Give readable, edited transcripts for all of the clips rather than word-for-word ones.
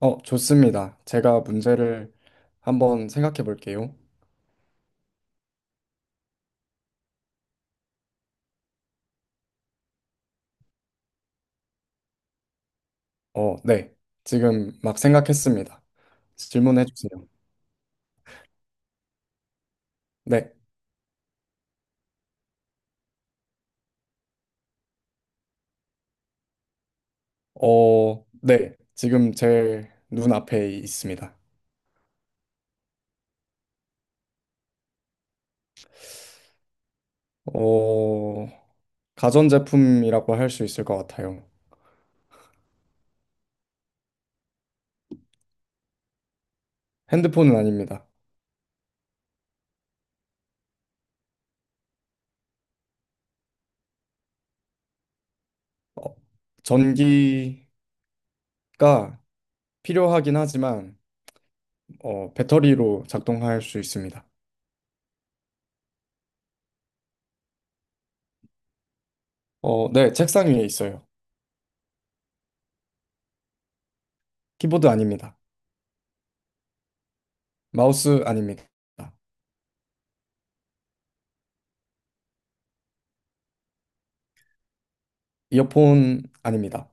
좋습니다. 제가 문제를 한번 생각해 볼게요. 네. 지금 막 생각했습니다. 질문해 주세요. 네. 네. 지금 제 눈앞에 있습니다. 어, 가전제품이라고 할 수 있을 것 같아요. 핸드폰은 아닙니다. 어, 전기가 필요하긴 하지만, 배터리로 작동할 수 있습니다. 네. 책상 위에 있어요. 키보드 아닙니다. 마우스 아닙니다. 이어폰 아닙니다.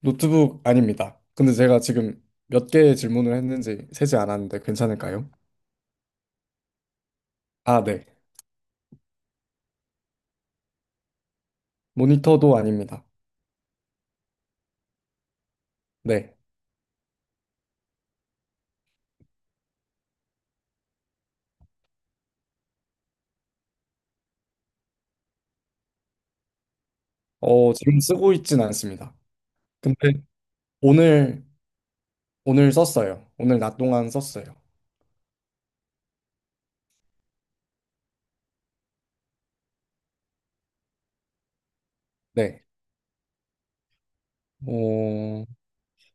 노트북 아닙니다. 근데 제가 지금 몇 개의 질문을 했는지 세지 않았는데 괜찮을까요? 아, 네. 모니터도 아닙니다. 네. 지금 쓰고 있진 않습니다. 근데 오늘, 오늘 썼어요. 오늘 낮 동안 썼어요. 네. 어,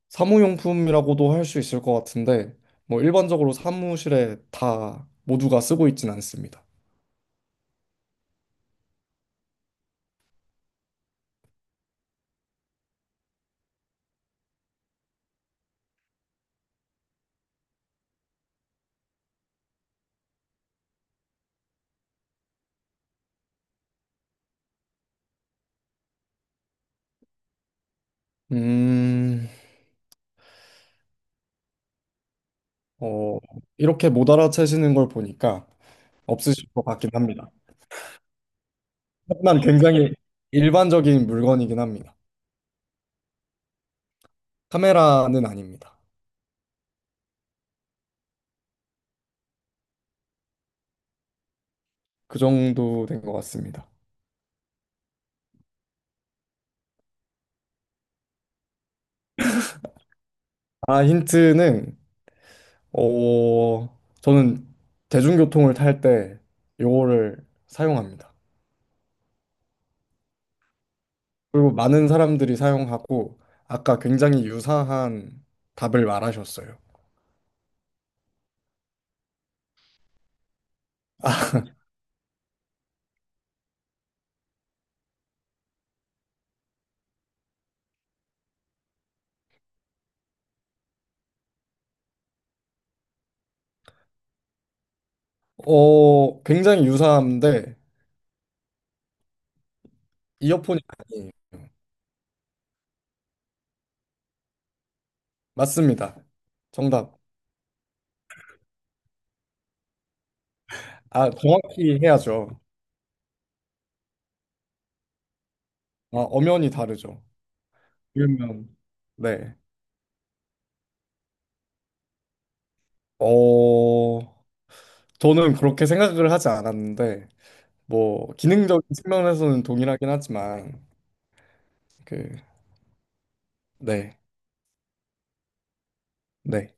사무용품이라고도 할 수 있을 것 같은데, 뭐 일반적으로 사무실에 다 모두가 쓰고 있진 않습니다. 음, 어, 이렇게 못 알아채시는 걸 보니까 없으실 것 같긴 합니다. 하지만 굉장히 일반적인 물건이긴 합니다. 카메라는 아닙니다. 그 정도 된 것 같습니다. 아, 힌트는 어, 저는 대중교통을 탈 때 요거를 사용합니다. 그리고 많은 사람들이 사용하고 아까 굉장히 유사한 답을 말하셨어요. 굉장히 유사한데 이어폰이 아니에요. 맞습니다. 정답. 아, 정확히 해야죠. 아, 엄연히 다르죠. 그러면 네. 어, 저는 그렇게 생각을 하지 않았는데, 뭐, 기능적인 측면에서는 동일하긴 하지만, 그, 네, 네.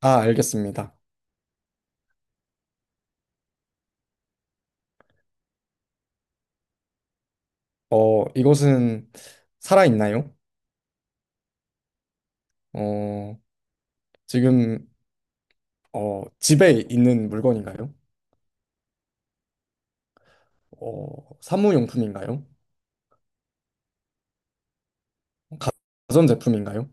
아, 알겠습니다. 이것은 살아있나요? 어, 지금, 집에 있는 물건인가요? 사무용품인가요? 가- 가전제품인가요?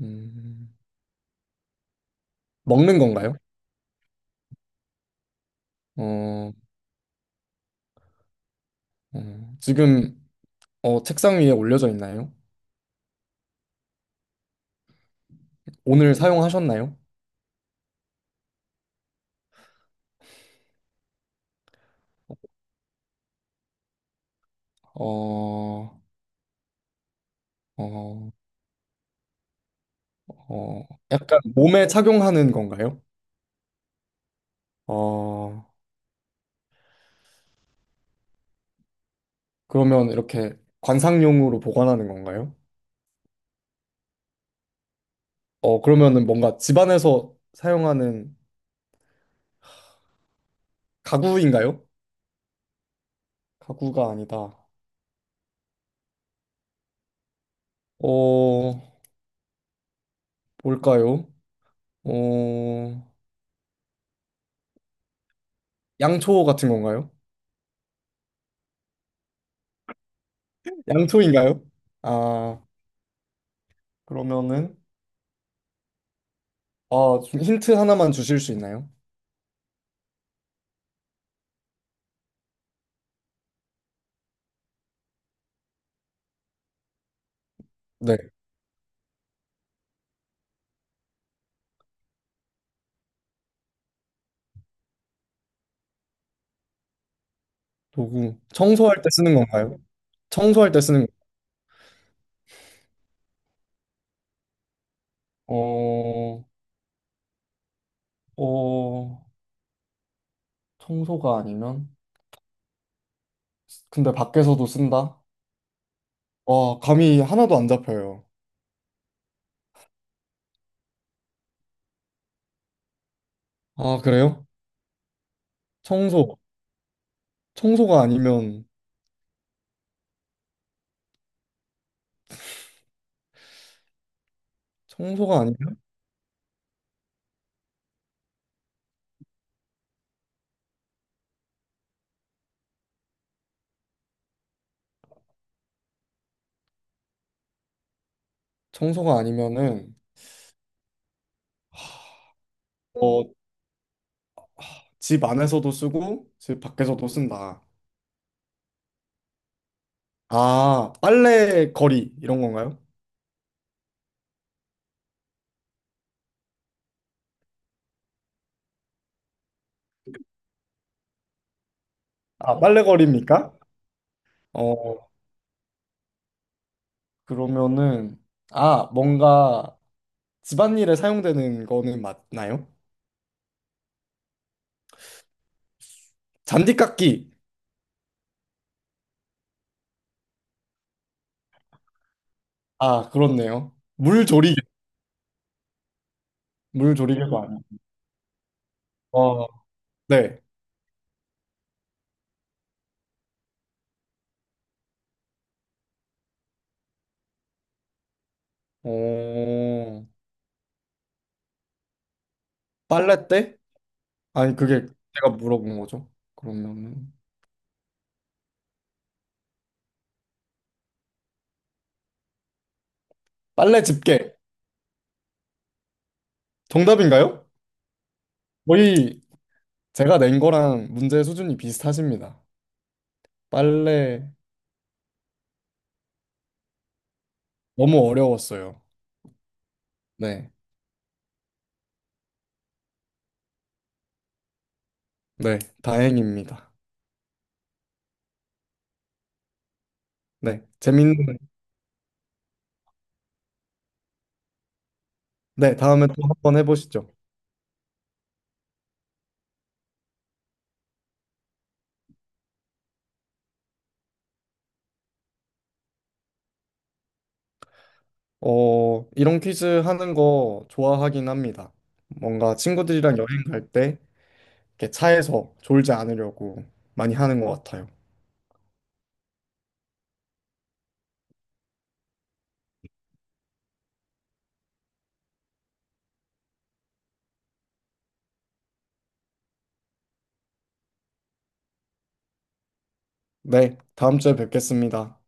음, 먹는 건가요? 어, 음, 지금, 책상 위에 올려져 있나요? 오늘 사용하셨나요? 어, 어, 어, 약간 몸에 착용하는 건가요? 어, 그러면 이렇게 관상용으로 보관하는 건가요? 그러면은 뭔가 집안에서 사용하는 가구인가요? 가구가 아니다. 어, 뭘까요? 어, 양초 같은 건가요? 양초인가요? 아, 그러면은 아, 좀 힌트 하나만 주실 수 있나요? 네. 도구. 청소할 때 쓰는 건가요? 청소할 때 쓰는 거- 어, 어, 청소가 아니면 근데 밖에서도 쓴다? 와, 감이 하나도 안 잡혀요. 아, 그래요? 청소. 청소가 아니면, 청소가 아니면, 청소가 아니면은, 어, 집 안에서도 쓰고, 집 밖에서도 쓴다. 아, 빨래 거리, 이런 건가요? 아, 빨래 거리입니까? 어, 그러면은, 아, 뭔가 집안일에 사용되는 거는 맞나요? 잔디깎기. 아, 그렇네요. 물조리개. 물조리개도 아니고. 어, 네. 어, 빨래 때? 아니 그게 제가 물어본 거죠. 그러면은 빨래 집게 정답인가요? 거의 제가 낸 거랑 문제 수준이 비슷하십니다. 빨래 너무 어려웠어요. 네, 네, 다행입니다. 네, 재밌는. 네, 다음에 또 한 번 해보시죠. 이런 퀴즈 하는 거 좋아하긴 합니다. 뭔가 친구들이랑 여행 갈 때 이렇게 차에서 졸지 않으려고 많이 하는 것 같아요. 네, 다음 주에 뵙겠습니다.